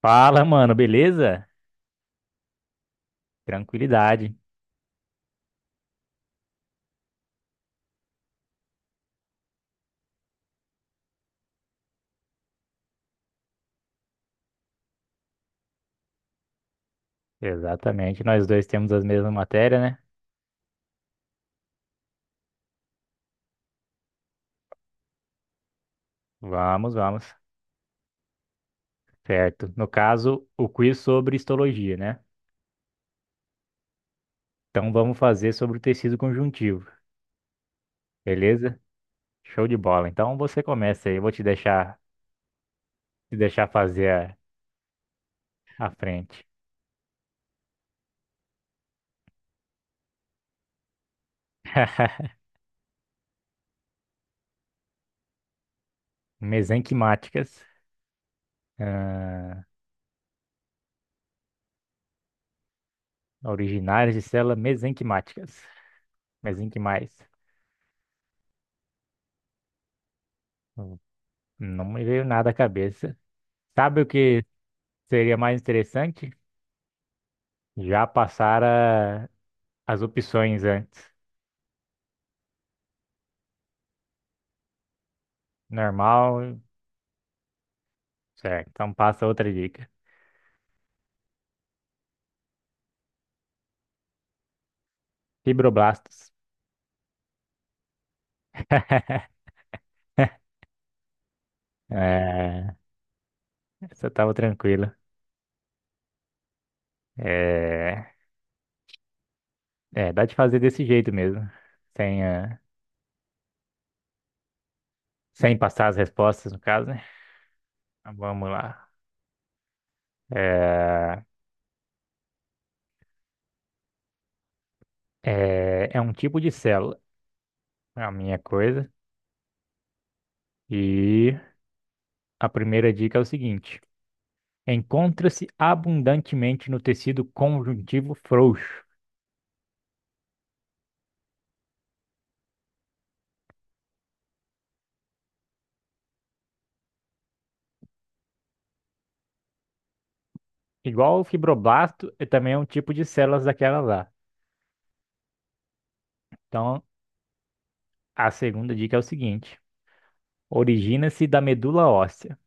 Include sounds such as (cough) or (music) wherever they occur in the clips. Fala, mano, beleza? Tranquilidade. Exatamente, nós dois temos as mesmas matérias, né? Vamos, vamos. Certo. No caso, o quiz sobre histologia, né? Então vamos fazer sobre o tecido conjuntivo, beleza? Show de bola. Então você começa aí, eu vou te deixar fazer a frente. (laughs) Mesenquimáticas, ah, originárias de células mesenquimáticas. Mesenquimais. Hum, Não me veio nada à cabeça. Sabe o que seria mais interessante? Já passara as opções antes. Normal, certo. Então passa outra dica. Fibroblastos. (laughs) É, essa tava tranquila. É, é, dá de fazer desse jeito mesmo. Sem, eh, sem passar as respostas, no caso, né? Então, vamos lá. É, é um tipo de célula, é a minha coisa. E a primeira dica é o seguinte: encontra-se abundantemente no tecido conjuntivo frouxo. Igual o fibroblasto, é também é um tipo de células daquela lá. Então, a segunda dica é o seguinte: origina-se da medula óssea.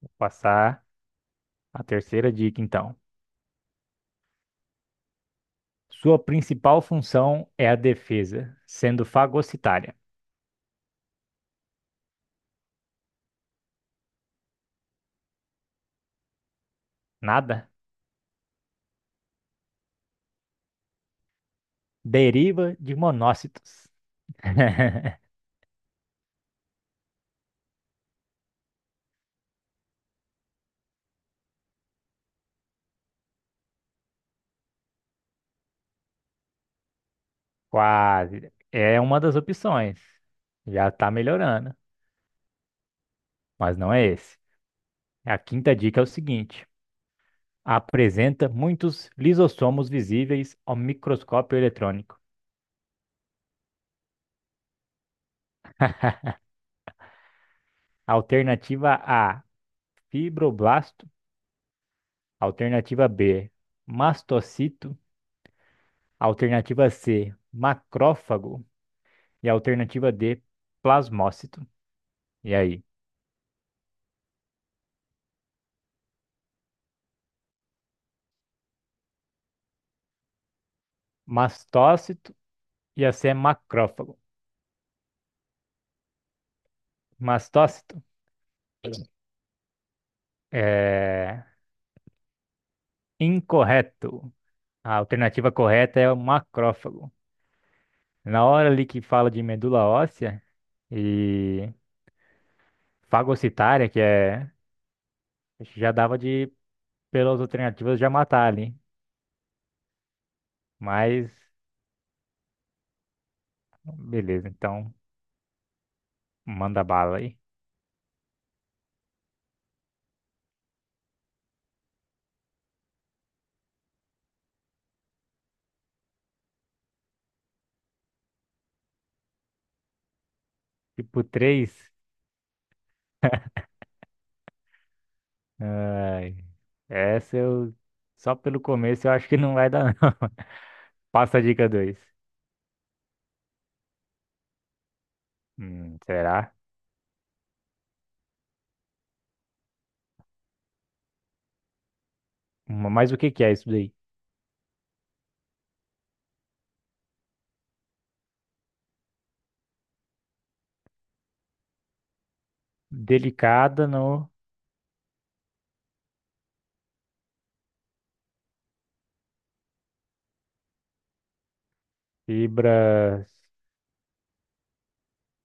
Vou passar a terceira dica, então. Sua principal função é a defesa, sendo fagocitária. Nada? Deriva de monócitos. (laughs) Quase. É uma das opções. Já está melhorando, mas não é esse. A quinta dica é o seguinte: apresenta muitos lisossomos visíveis ao microscópio eletrônico. Alternativa A, fibroblasto. Alternativa B, mastocito. Alternativa C, macrófago. E a alternativa D, plasmócito. E aí? Mastócito e a C é macrófago. Mastócito é incorreto. A alternativa correta é o macrófago. Na hora ali que fala de medula óssea e fagocitária, que é. Já dava de, pelas alternativas, já matar ali. Mas, beleza, então manda bala aí. Tipo três. Ai, essa eu. Só pelo começo eu acho que não vai dar, não. (laughs) Passa a dica dois. Será? Mas o que que é isso daí? Delicada no. Fibras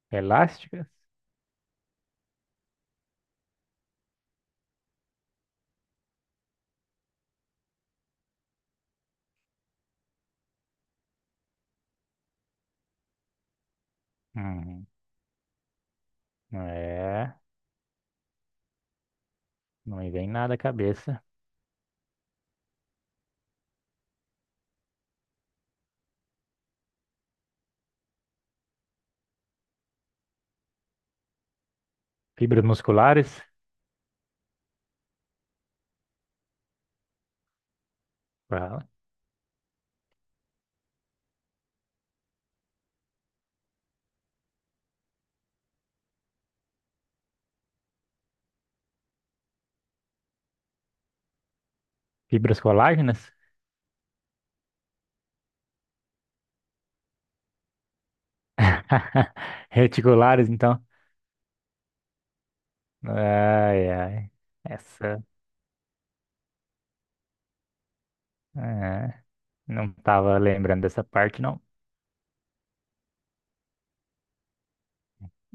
elásticas? Hum, é. Não me vem nada à cabeça. Fibras musculares? Fala. Fibras colágenas? (laughs) Reticulares, então. Ai, ai. Essa é. Não estava lembrando dessa parte, não.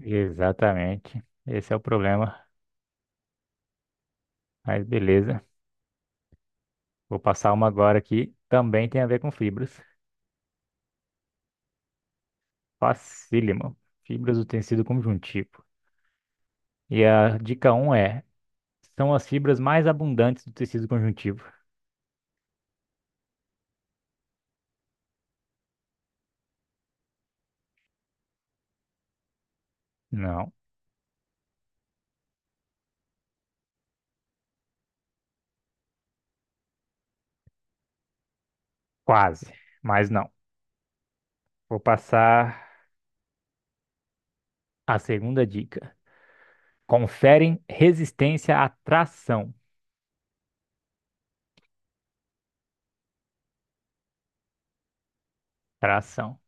Exatamente. Esse é o problema. Mas beleza. Vou passar uma agora aqui. Também tem a ver com fibras. Facílimo. Fibras do tecido conjuntivo. E a dica um é: são as fibras mais abundantes do tecido conjuntivo. Não, quase, mas não. Vou passar a segunda dica. Conferem resistência à tração. Tração.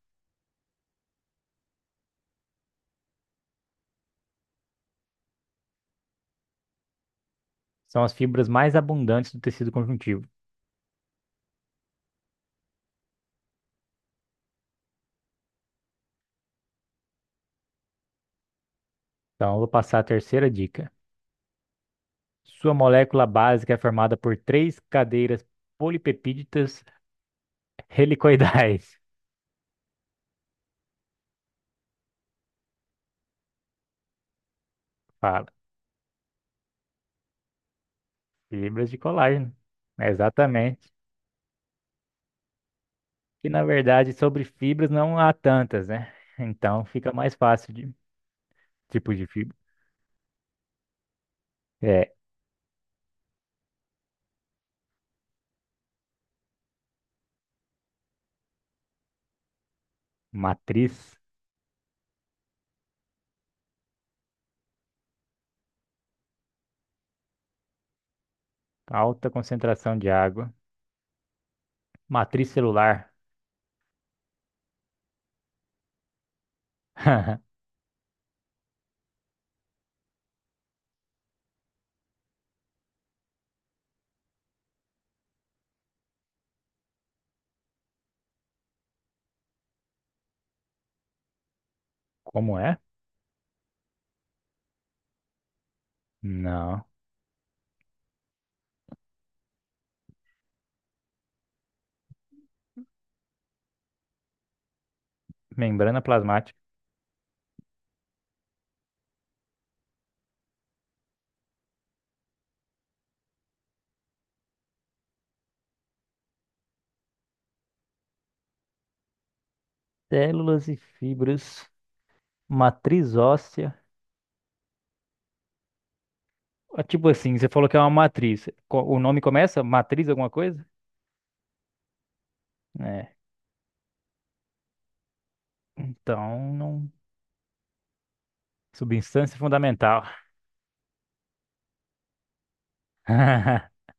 São as fibras mais abundantes do tecido conjuntivo. Então, eu vou passar a terceira dica. Sua molécula básica é formada por três cadeiras polipepídicas helicoidais. (laughs) Fala, fibras de colágeno. Exatamente. E na verdade, sobre fibras não há tantas, né? Então fica mais fácil de tipo de fibra. É matriz, alta concentração de água, matriz celular. (laughs) Como é? Não. Membrana plasmática, células e fibras, matriz óssea. Ah, tipo assim, você falou que é uma matriz. O nome começa? Matriz alguma coisa? É. Então, não. Substância fundamental. (laughs)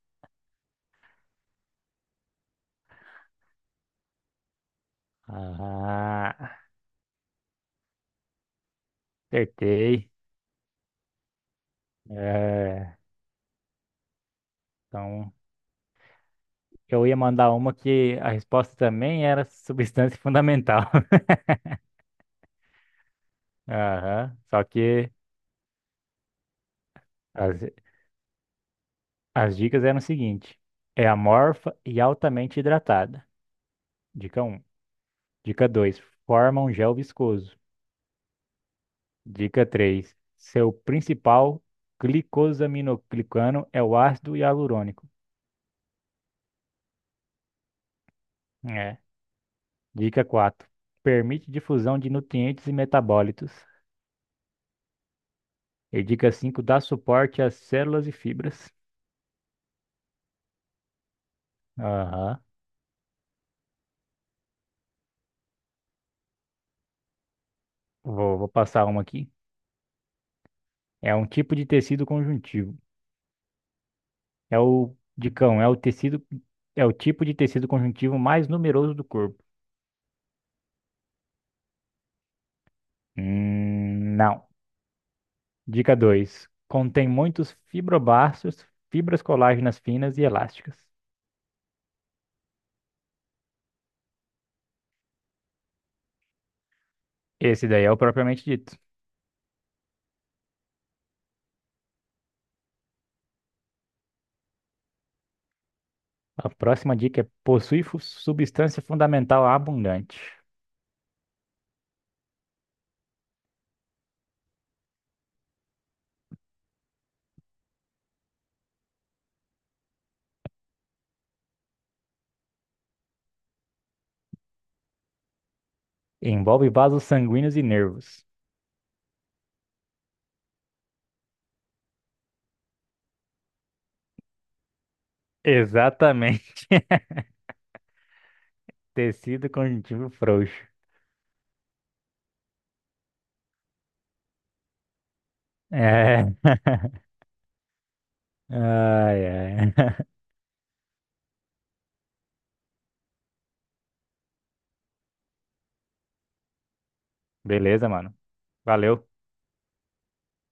Ah, acertei. É, então, eu ia mandar uma que a resposta também era substância fundamental. (laughs) Aham. Só que as, as dicas eram o seguinte: é amorfa e altamente hidratada. Dica um. Dica 2. Forma um gel viscoso. Dica 3: seu principal glicosaminoglicano é o ácido hialurônico. É. Dica quatro: permite difusão de nutrientes e metabólitos. E dica 5: dá suporte às células e fibras. Aham. Vou passar uma aqui. É um tipo de tecido conjuntivo. É o, dicão, é o tipo de tecido conjuntivo mais numeroso do corpo. Não. Dica 2: contém muitos fibroblastos, fibras colágenas finas e elásticas. Esse daí é o propriamente dito. A próxima dica é possui substância fundamental abundante. Envolve vasos sanguíneos e nervos. Exatamente. (laughs) Tecido conjuntivo frouxo. É. (laughs) Ai, ai. (laughs) Beleza, mano. Valeu.